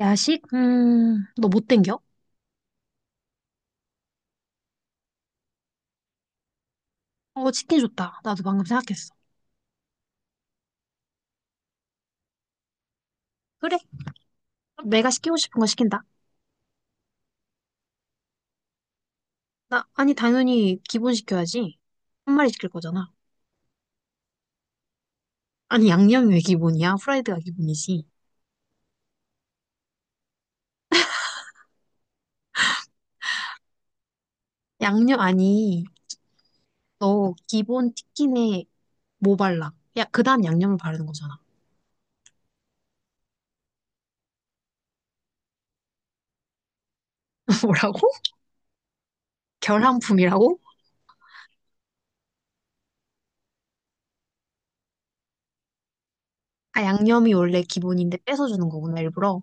야식? 너 못 땡겨? 어, 치킨 좋다. 나도 방금 생각했어. 그래, 내가 시키고 싶은 거 시킨다. 나, 아니, 당연히 기본 시켜야지. 한 마리 시킬 거잖아. 아니, 양념이 왜 기본이야? 후라이드가 기본이지. 양념, 아니, 너 기본 치킨에 뭐 발라? 야, 그 다음 양념을 바르는 거잖아. 뭐라고? 결함품이라고? 아, 양념이 원래 기본인데 뺏어주는 거구나, 일부러.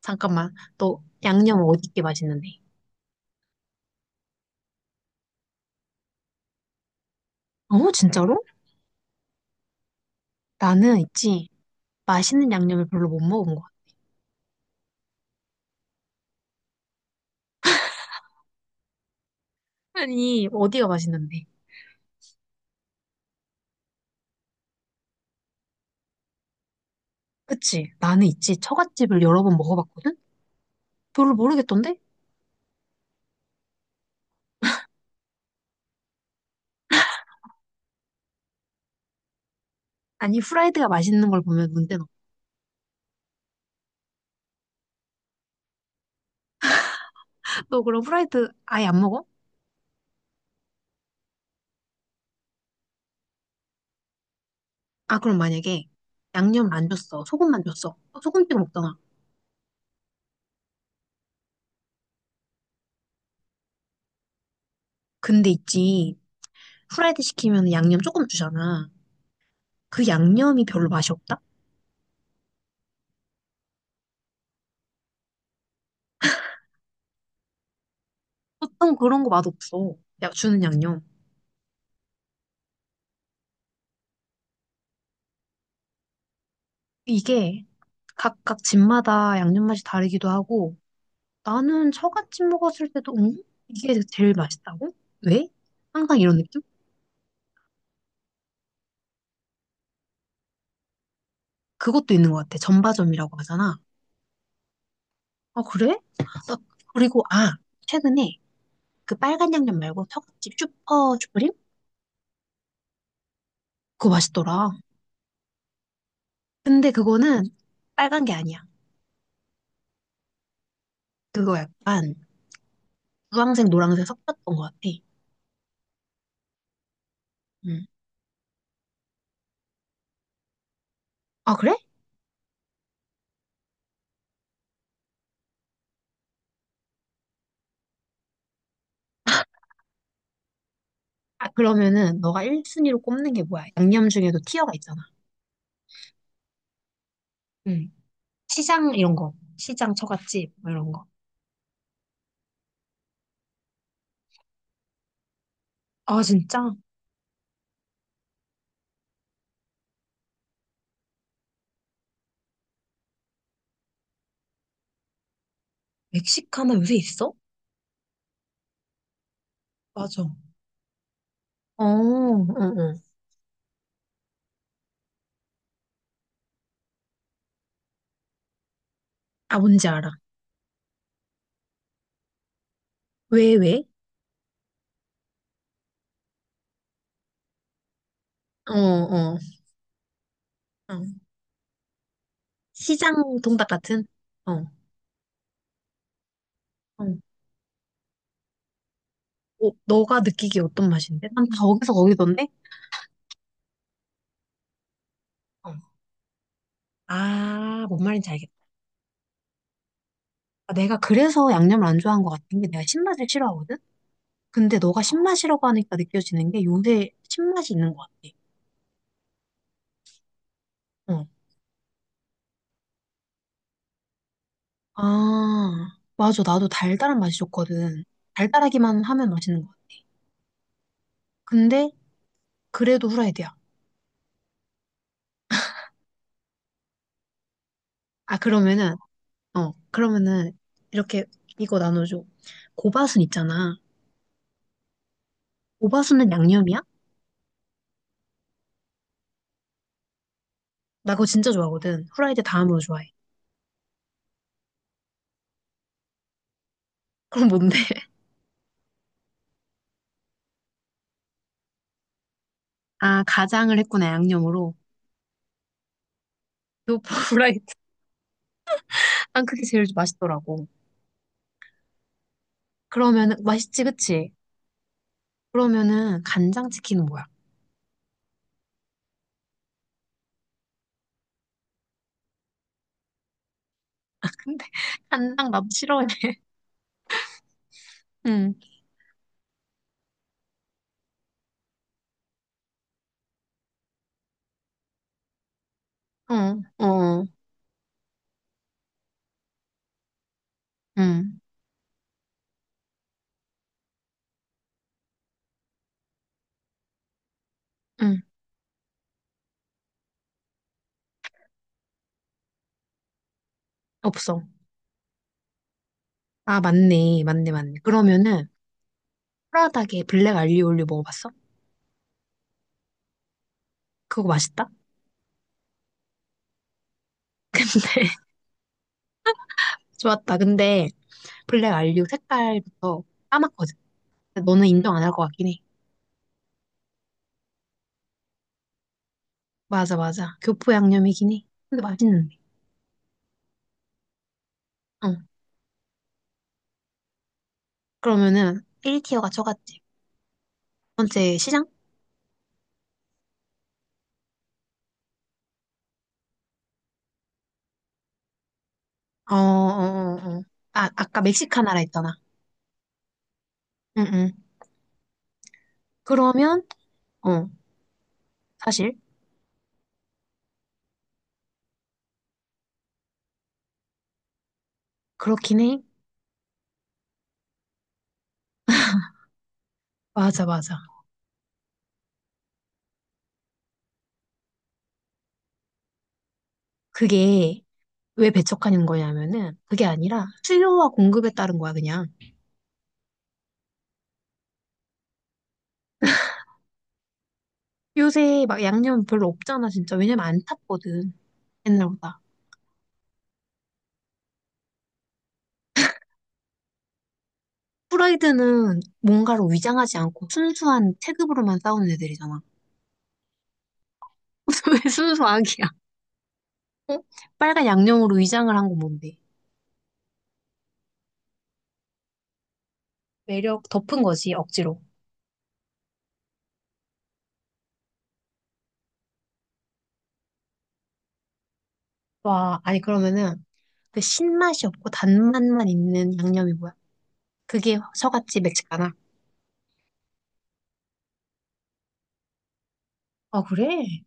잠깐만, 너 양념 어디 게 맛있는데? 어, 진짜로? 나는 있지. 맛있는 양념을 별로 못 먹은 거야. 아니, 어디가 맛있는데? 그치? 나는 있지. 처갓집을 여러 번 먹어봤거든? 별로 모르겠던데? 아니, 후라이드가 맛있는 걸 보면 문제 없어. 너 그럼 후라이드 아예 안 먹어? 아, 그럼 만약에 양념을 안 줬어. 소금만 줬어. 어, 소금 찍어 먹잖아. 근데 있지. 후라이드 시키면 양념 조금 주잖아. 그 양념이 별로 맛이 없다? 보통 그런 거 맛없어. 야, 주는 양념. 이게 각각 집마다 양념 맛이 다르기도 하고, 나는 처갓집 먹었을 때도 응? 이게 제일 맛있다고? 왜? 항상 이런 느낌? 그것도 있는 것 같아. 전바점이라고 하잖아. 아 그래? 나 그리고 아 최근에 그 빨간 양념 말고 처갓집 슈퍼 슈프림? 그거 맛있더라. 근데 그거는 빨간 게 아니야. 그거 약간 주황색 노란색 섞였던 것 같아. 응. 아 그래? 아 그러면은 너가 1순위로 꼽는 게 뭐야? 양념 중에도 티어가 있잖아. 응. 시장 이런 거. 시장 처갓집 뭐 이런 거. 아 진짜? 멕시카나 요새 있어? 맞아. 어, 응, 응. 아, 뭔지 알아. 왜, 왜? 어, 어, 어. 시장 동닭 같은? 어, 어. 어, 너가 느끼기에 어떤 맛인데? 난 다 어디서 거기던데? 어. 아, 뭔 말인지 알겠다. 아, 내가 그래서 양념을 안 좋아한 것 같은 게 내가 신맛을 싫어하거든? 근데 너가 신맛이라고 하니까 느껴지는 게 요새 신맛이 있는 것 같아. 어. 아, 맞아. 나도 달달한 맛이 좋거든. 달달하기만 하면 맛있는 것 같아. 근데 그래도 후라이드야. 아, 그러면은, 어, 그러면은, 이렇게, 이거 나눠줘. 고바순 있잖아. 고바순은 양념이야? 나 그거 진짜 좋아하거든. 후라이드 다음으로 좋아해. 그럼 뭔데? 아, 가장을 했구나, 양념으로. 요 후라이드. 난 그게 제일 맛있더라고. 그러면은, 맛있지, 그치? 그러면은, 간장치킨은 뭐야? 근데, 간장 나도 싫어해. 응, 어, 어, 응, 응. 없어. 아, 맞네, 맞네, 맞네. 그러면은, 프라닭에 블랙 알리오 올리오 먹어봤어? 그거 맛있다? 좋았다. 근데 블랙 알류 색깔부터 까맣거든. 근데 너는 인정 안 할 것 같긴 해. 맞아, 맞아. 교포 양념이긴 해. 근데 맛있는데. 어. 그러면은 1티어가 저같지. 두 번째 시장? 어, 어, 어, 어. 아, 아까 멕시카나라 했잖아. 응, 응. 그러면, 어, 사실 그렇긴 해. 맞아, 맞아. 그게 왜 배척하는 거냐면은 그게 아니라 수요와 공급에 따른 거야, 그냥. 요새 막 양념 별로 없잖아, 진짜. 왜냐면 안 탔거든. 옛날보다. 프라이드는 뭔가로 위장하지 않고 순수한 체급으로만 싸우는 애들이잖아. 왜 순수 악이야? 어? 빨간 양념으로 위장을 한 건 뭔데? 매력 덮은 거지, 억지로. 와, 아니 그러면은 그 신맛이 없고 단맛만 있는 양념이 뭐야? 그게 서갓집매시카나 아, 그래?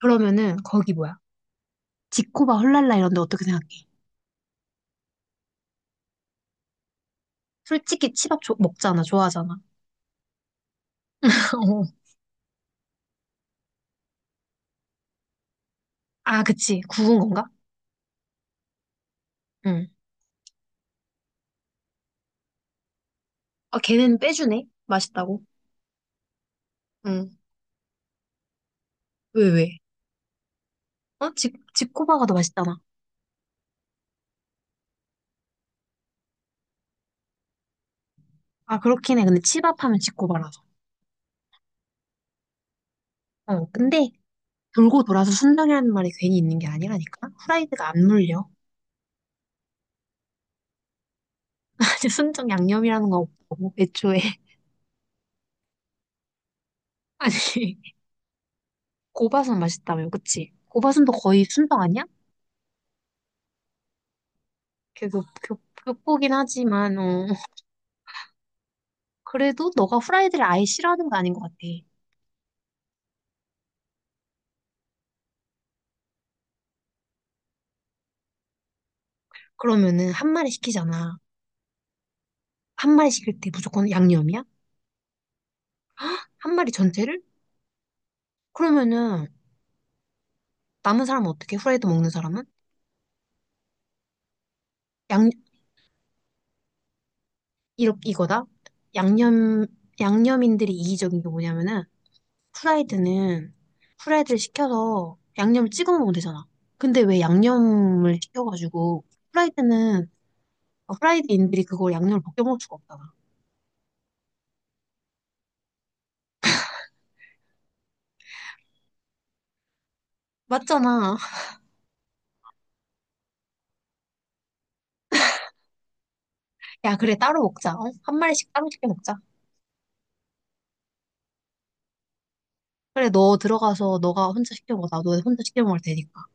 그러면은 거기 뭐야? 지코바 헐랄라 이런 데 어떻게 생각해? 솔직히 먹잖아, 좋아하잖아. 어. 아, 그치. 구운 건가? 응. 아, 걔는 빼주네. 맛있다고. 응. 왜, 왜? 어? 지코바가 더 맛있잖아. 아, 그렇긴 해. 근데 치밥하면 지코바라서. 어, 근데 돌고 돌아서 순정이라는 말이 괜히 있는 게 아니라니까? 후라이드가 안 물려. 아니, 순정 양념이라는 거 없고, 애초에. 아니, 고바순 맛있다며, 그치? 고바순도 거의 순정 아니야? 걔 교포긴 하지만, 어. 그래도 너가 후라이드를 아예 싫어하는 거 아닌 것 같아. 그러면은 한 마리 시키잖아. 한 마리 시킬 때 무조건 양념이야? 한 마리 전체를? 그러면은 남은 사람은 어떻게? 후라이드 먹는 사람은? 이렇 이거다. 양념 양념인들이 이기적인 게 뭐냐면은 후라이드는 후라이드를 시켜서 양념을 찍어 먹으면 되잖아. 근데 왜 양념을 시켜가지고 후라이드는 후라이드인들이 그걸 양념을 벗겨 먹을 수가 없잖아. 맞잖아. 야 그래 따로 먹자. 어? 한 마리씩 따로 시켜 먹자. 그래 너 들어가서 너가 혼자 시켜 먹어. 나도 혼자 시켜 먹을 테니까.